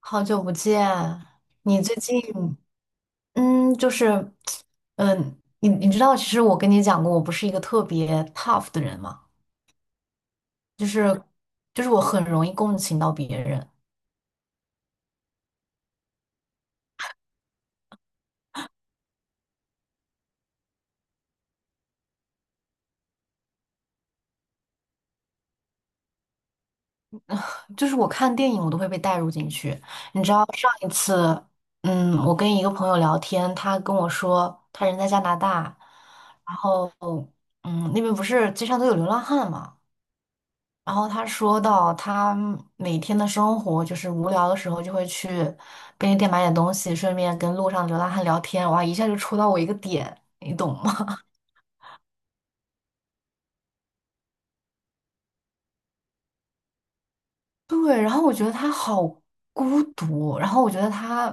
好久不见，你最近嗯，就是你知道，其实我跟你讲过，我不是一个特别 tough 的人嘛，就是我很容易共情到别人，就是我看电影我都会被带入进去。上一次，我跟一个朋友聊天，他跟我说他人在加拿大，嗯，那边不是街上都有流浪汉嘛。然后他说到，他每天的生活就是无聊的时候就会去便利店买点东西，顺便跟路上流浪汉聊天。哇，一下就戳到我一个点，你懂吗？对，然后我觉得他好孤独，然后我觉得他，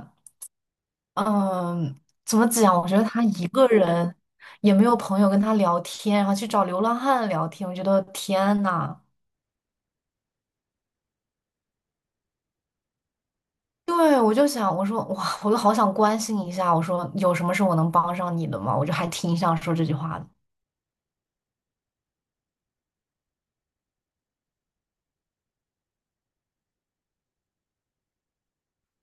嗯，怎么讲？我觉得他一个人也没有朋友跟他聊天，然后去找流浪汉聊天，我觉得天呐。对，我就想，我说哇，我就好想关心一下，我说有什么是我能帮上你的吗？我就还挺想说这句话的。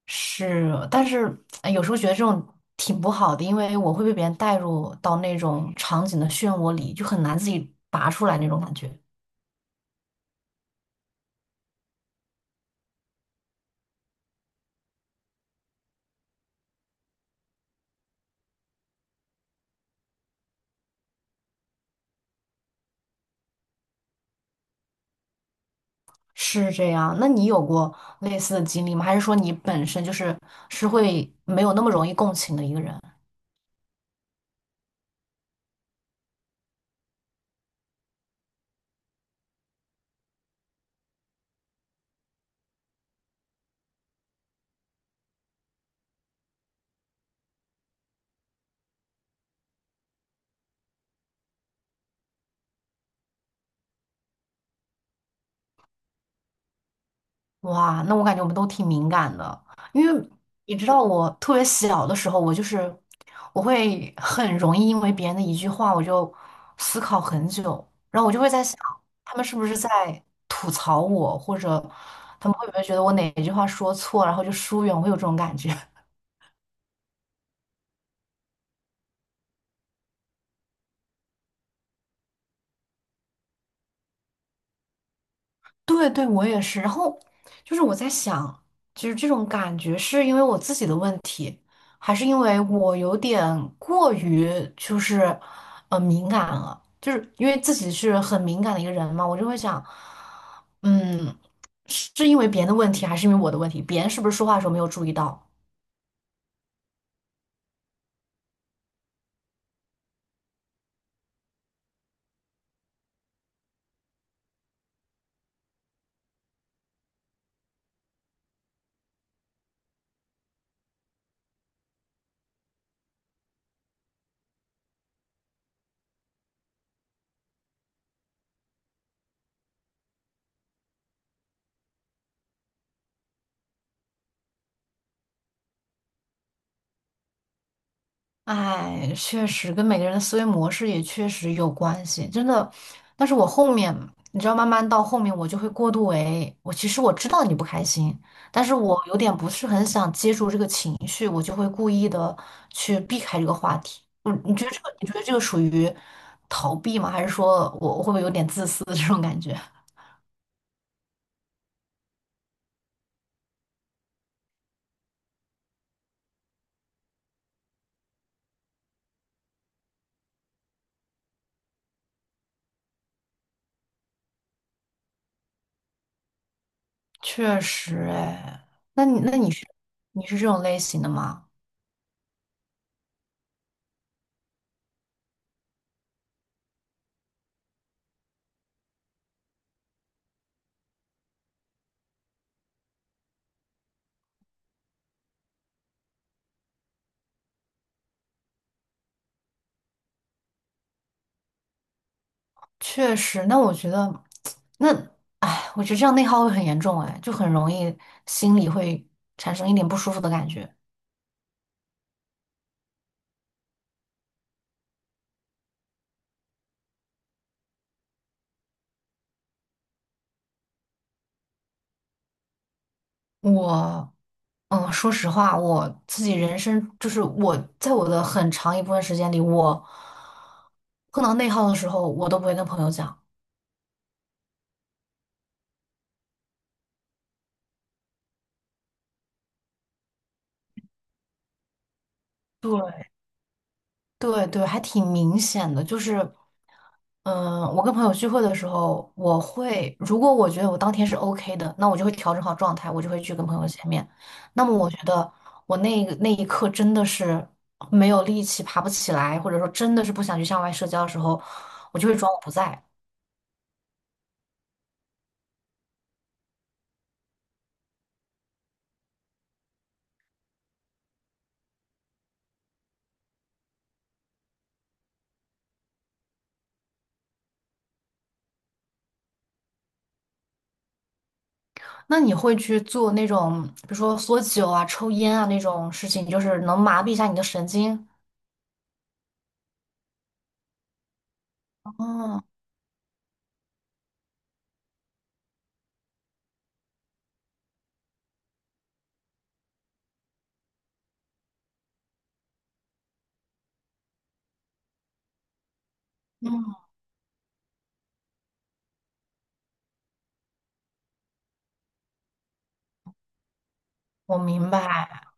是，但是哎有时候觉得这种挺不好的，因为我会被别人带入到那种场景的漩涡里，就很难自己拔出来那种感觉。是这样，那你有过类似的经历吗？还是说你本身就是是会没有那么容易共情的一个人？哇，那我感觉我们都挺敏感的，因为你知道，我特别小的时候，我就是我会很容易因为别人的一句话，我就思考很久，然后我就会在想，他们是不是在吐槽我，或者他们会不会觉得我哪一句话说错，然后就疏远，我会有这种感觉。对对，我也是。然后就是我在想，其实这种感觉是因为我自己的问题，还是因为我有点过于就是敏感了？就是因为自己是很敏感的一个人嘛，我就会想，嗯，是因为别人的问题，还是因为我的问题？别人是不是说话的时候没有注意到？哎，确实跟每个人的思维模式也确实有关系，真的。但是我后面，你知道，慢慢到后面我就会过度为，我其实知道你不开心，但是我有点不是很想接住这个情绪，我就会故意的去避开这个话题。你觉得这个属于逃避吗？还是说我会不会有点自私的这种感觉？确实，哎，那你是你是这种类型的吗？确实，那我觉得，那，哎，我觉得这样内耗会很严重，哎，就很容易心里会产生一点不舒服的感觉。我，嗯，说实话，我自己人生就是我在我的很长一部分时间里，我碰到内耗的时候，我都不会跟朋友讲。对对对，还挺明显的，就是。嗯，我跟朋友聚会的时候，我会如果我觉得我当天是 OK 的，那我就会调整好状态，我就会去跟朋友见面。那么我觉得我那一刻真的是没有力气，爬不起来，或者说真的是不想去向外社交的时候，我就会装我不在。那你会去做那种，比如说缩酒啊、抽烟啊那种事情，就是能麻痹一下你的神经？哦，我明白，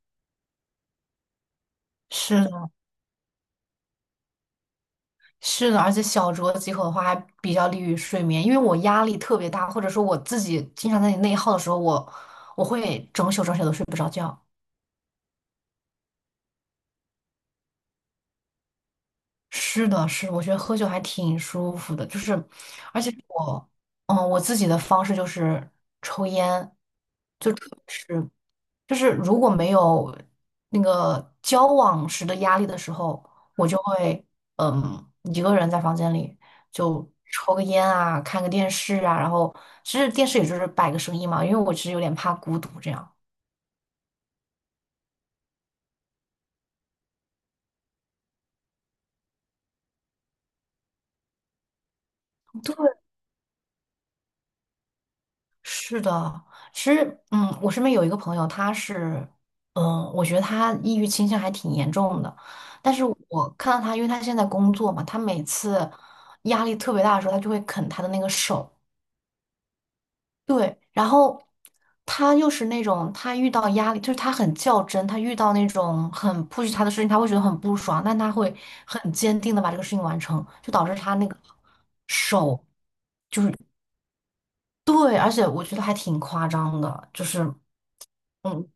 是是的，而且小酌几口的话，还比较利于睡眠。因为我压力特别大，或者说我自己经常在内耗的时候，我会整宿整宿都睡不着觉。是的，是的我觉得喝酒还挺舒服的，就是，而且我，嗯，我自己的方式就是抽烟，就抽就是如果没有那个交往时的压力的时候，我就会嗯一个人在房间里就抽个烟啊，看个电视啊，然后其实电视也就是摆个声音嘛，因为我其实有点怕孤独这样。对，是的，其实嗯，我身边有一个朋友，他是嗯，我觉得他抑郁倾向还挺严重的，但是我看到他，因为他现在工作嘛，他每次压力特别大的时候，他就会啃他的那个手。对，然后他又是那种，他遇到压力，就是他很较真，他遇到那种很 push 他的事情，他会觉得很不爽，但他会很坚定的把这个事情完成，就导致他那个手，对，而且我觉得还挺夸张的，就是，嗯，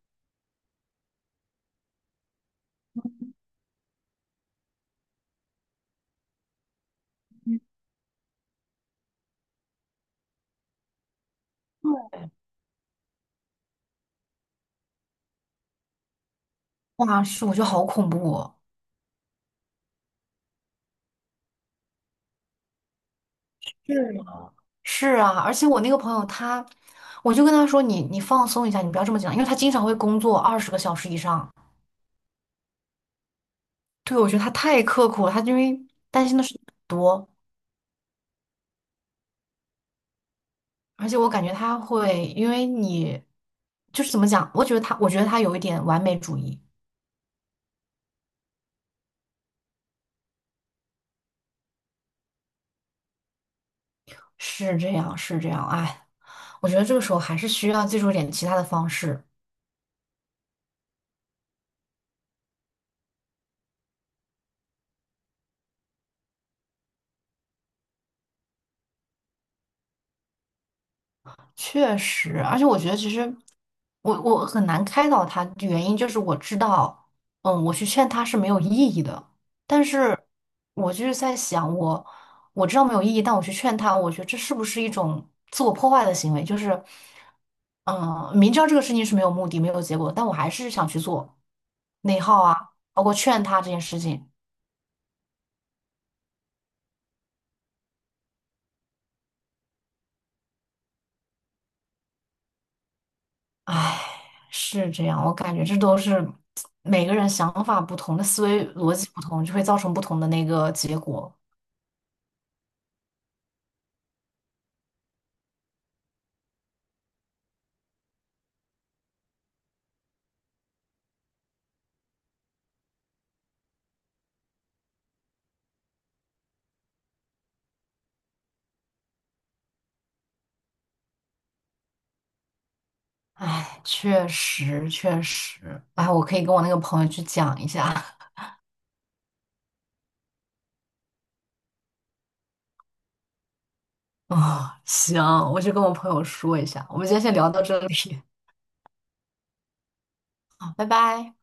哇，是，我觉得好恐怖哦。是啊，而且我那个朋友他，我就跟他说你放松一下，你不要这么紧张，因为他经常会工作20个小时以上。对，我觉得他太刻苦了，他因为担心的事情很多。而且我感觉他会，因为你就是怎么讲，我觉得他有一点完美主义，是这样，是这样，哎，我觉得这个时候还是需要借助一点其他的方式。确实，而且我觉得其实我很难开导他，原因就是我知道，嗯，我去劝他是没有意义的，但是我就是在想，我知道没有意义，但我去劝他，我觉得这是不是一种自我破坏的行为？就是，嗯，明知道这个事情是没有目的、没有结果，但我还是想去做内耗啊，包括劝他这件事情。唉，是这样，我感觉这都是每个人想法不同，的思维逻辑不同，就会造成不同的那个结果。唉，确实确实，哎，我可以跟我那个朋友去讲一下。啊、行，我去跟我朋友说一下。我们今天先聊到这里，好拜拜。